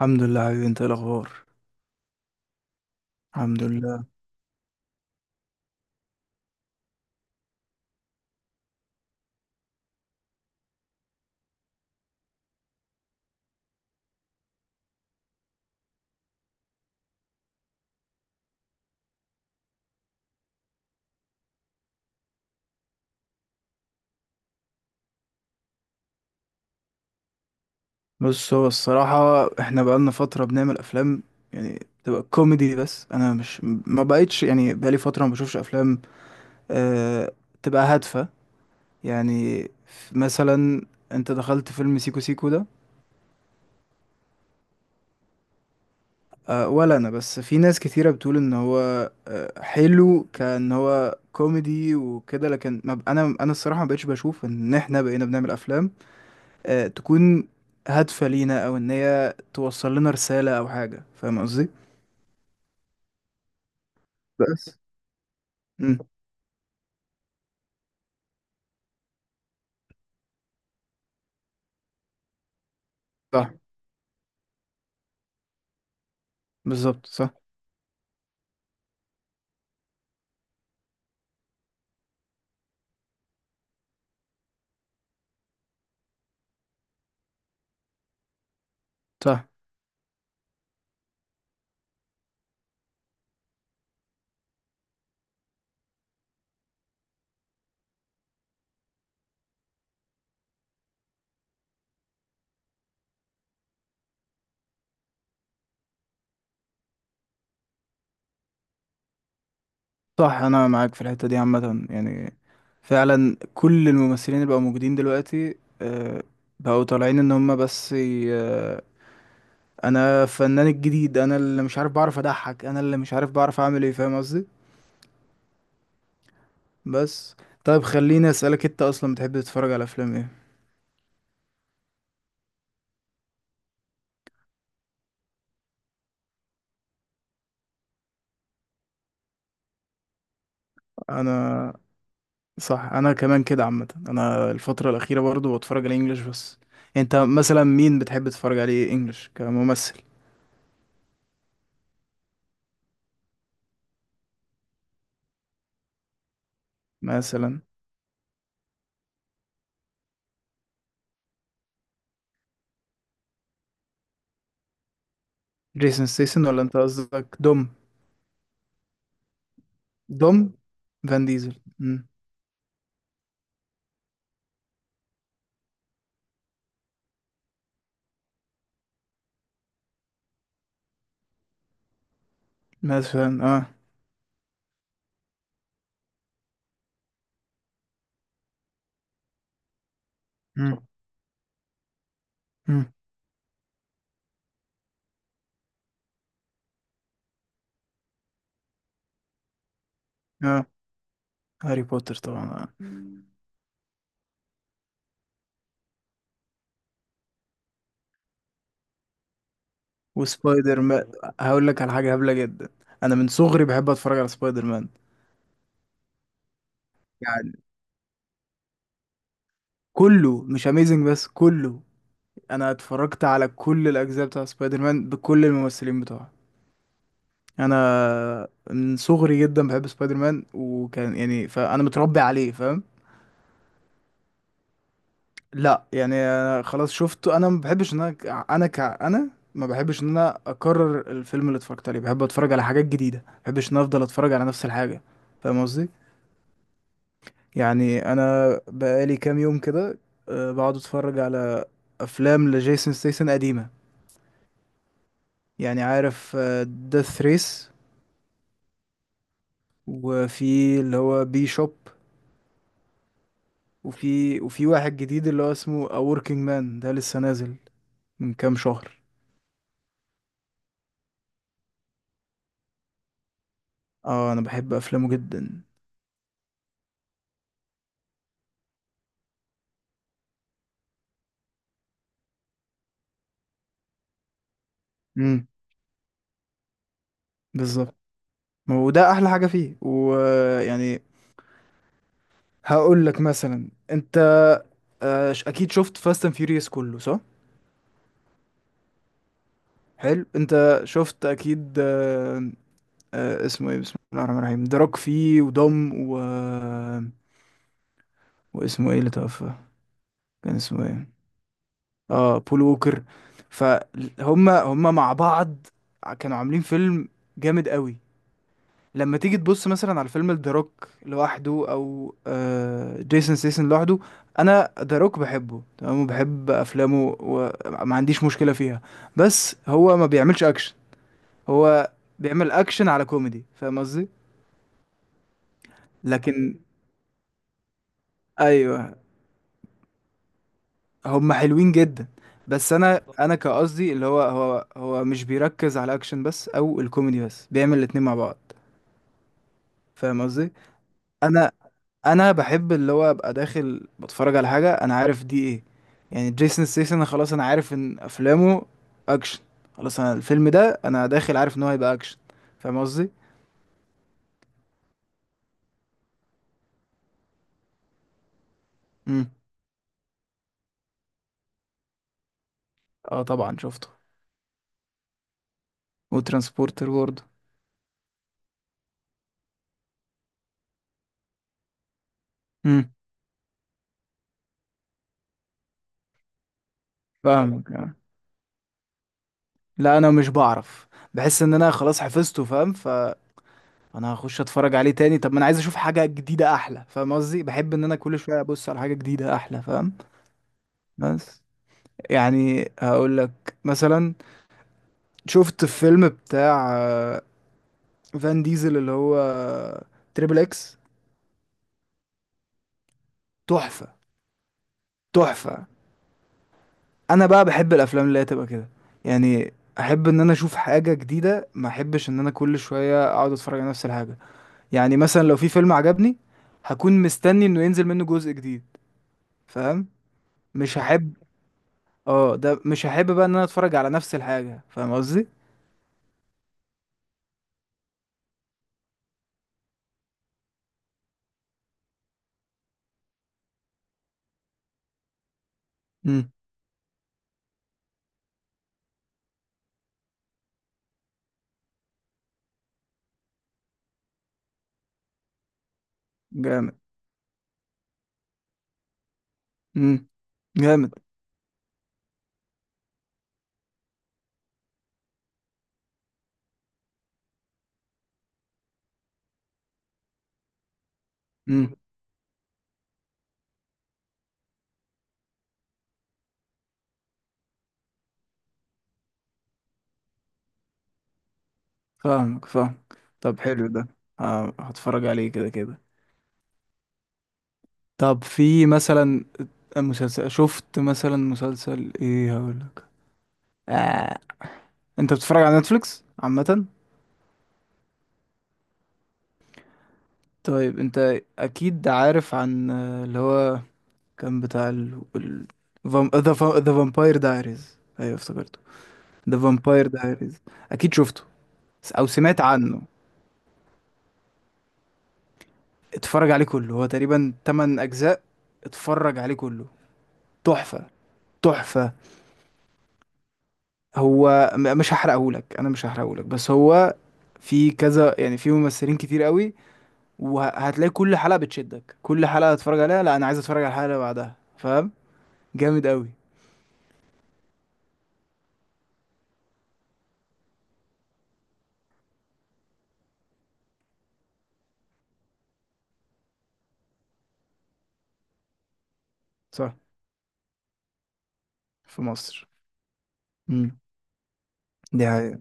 الحمد لله حبيبي، انت ايه الاخبار. الحمد لله. بص، هو الصراحه احنا بقالنا فتره بنعمل افلام يعني تبقى كوميدي، بس انا مش ما بقيتش يعني بقالي فتره ما بشوفش افلام أه تبقى هادفه. يعني مثلا انت دخلت فيلم سيكو سيكو ده. ولا انا، بس في ناس كتيره بتقول ان هو حلو، كان هو كوميدي وكده، لكن ما ب- انا الصراحه ما بقتش بشوف ان احنا بقينا بنعمل افلام تكون هادفة لينا، او ان هي توصل لنا رسالة او حاجة، فاهم قصدي؟ بس امم صح، بالظبط، صح، صح، صح. انا معاك في الحتة دي عامة، يعني فعلا كل الممثلين اللي بقوا موجودين دلوقتي آه، بقوا طالعين ان هم بس انا الفنان الجديد، انا اللي مش عارف بعرف اضحك، انا اللي مش عارف بعرف اعمل ايه، فاهم قصدي؟ بس طيب خليني اسالك، انت اصلا بتحب تتفرج على افلام ايه؟ انا صح، انا كمان كده عامه، انا الفتره الاخيره برضو بتفرج على انجلش بس. انت مثلا مين بتحب تتفرج عليه انجلش كممثل؟ مثلا جيسون ستيسن ولا انت قصدك دوم؟ دوم فان ديزل. مم. مثلا اه. مم. مم. اه، هاري بوتر طبعا. آه. مم. وسبايدر مان. هقول لك على حاجه هبله جدا، انا من صغري بحب اتفرج على سبايدر مان. يعني كله مش اميزنج بس، كله. انا اتفرجت على كل الاجزاء بتاع سبايدر مان بكل الممثلين بتوعه. انا من صغري جدا بحب سبايدر مان، وكان يعني فانا متربي عليه، فاهم؟ لا يعني أنا خلاص شفته، انا ما بحبش ان انا ما بحبش ان انا اكرر الفيلم اللي اتفرجت عليه، بحب اتفرج على حاجات جديده، ما بحبش ان أنا افضل اتفرج على نفس الحاجه. فاهم قصدي؟ يعني انا بقالي كام يوم كده بقعد اتفرج على افلام لجيسون ستيسن قديمة. يعني عارف ديث ريس، وفي اللي هو بي شوب، وفي واحد جديد اللي هو اسمه A Working Man، ده لسه نازل من كام شهر. اه، انا بحب افلامه جدا. امم، بالظبط. ما هو ده احلى حاجه فيه. ويعني هقول لك مثلا، انت اكيد شفت فاست اند فيوريوس كله، صح؟ حلو، انت شفت اكيد اسمه ايه، بسم الله الرحمن الرحيم، دراك فيه ودم و... واسمه ايه اللي توفى، كان اسمه ايه؟ اه، بول ووكر. فهم هم مع بعض كانوا عاملين فيلم جامد قوي. لما تيجي تبص مثلا على فيلم ذا روك لوحده، او آه جيسون ستاثام لوحده، انا ذا روك بحبه تمام وبحب افلامه وما عنديش مشكلة فيها، بس هو ما بيعملش اكشن، هو بيعمل اكشن على كوميدي، فاهم قصدي؟ لكن ايوه، هم حلوين جدا. بس انا كقصدي اللي هو هو مش بيركز على الاكشن بس او الكوميدي بس، بيعمل الاتنين مع بعض، فاهم قصدي؟ انا انا بحب اللي هو ابقى داخل بتفرج على حاجه انا عارف دي ايه. يعني جيسون ستاثام انا خلاص انا عارف ان افلامه اكشن، خلاص انا الفيلم ده انا داخل عارف ان هو هيبقى اكشن، فاهم قصدي؟ امم، اه طبعا شفته. وترانسبورتر برضه. امم، فاهمك. آه. لا انا مش بعرف، بحس ان انا خلاص حفظته، فاهم؟ ف انا هخش اتفرج عليه تاني؟ طب ما انا عايز اشوف حاجه جديده احلى، فاهم قصدي؟ بحب ان انا كل شويه ابص على حاجه جديده احلى، فاهم؟ بس يعني هقول لك مثلا، شفت الفيلم بتاع فان ديزل اللي هو تريبل اكس؟ تحفه. تحفه. انا بقى بحب الافلام اللي هي تبقى كده، يعني احب ان انا اشوف حاجه جديده، ما احبش ان انا كل شويه اقعد اتفرج على نفس الحاجه. يعني مثلا لو في فيلم عجبني، هكون مستني انه ينزل منه جزء جديد، فاهم؟ مش هحب، اه ده مش هحب بقى ان انا اتفرج على نفس الحاجة، فاهم قصدي؟ امم، جامد. امم، جامد. امم، فاهمك، فاهم. طب حلو ده هتفرج عليه كده كده. طب في مثلا مسلسل، شفت مثلا مسلسل ايه هقولك، آه. انت بتتفرج على نتفليكس عامة؟ طيب انت اكيد عارف عن اللي هو كان بتاع ذا فامباير دايريز، ايوه افتكرته. ذا فامباير دايريز، اكيد شفته، او سمعت عنه. اتفرج عليه كله، هو تقريبا 8 اجزاء، اتفرج عليه كله. تحفة. تحفة. هو مش هحرقهولك، انا مش هحرقهولك، بس هو في كذا، يعني في ممثلين كتير قوي، وهتلاقي كل حلقة بتشدك، كل حلقة هتتفرج عليها لا انا عايز اتفرج على الحلقة اللي بعدها، فاهم؟ جامد قوي. صح، في مصر. امم، دي حقيقة.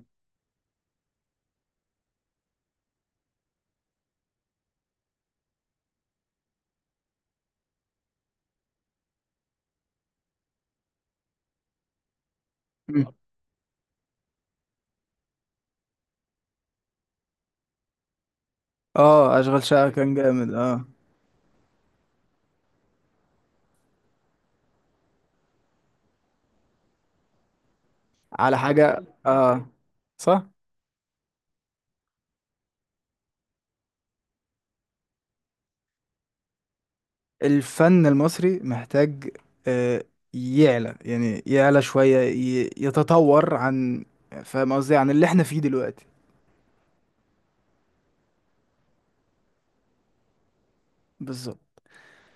مم. اه، اشغال شقة كان جامد، اه. على حاجة، اه. صح، الفن المصري محتاج آه، يعلى، يعني يعلى شوية يتطور عن، فاهم قصدي، عن اللي احنا فيه دلوقتي. بالظبط.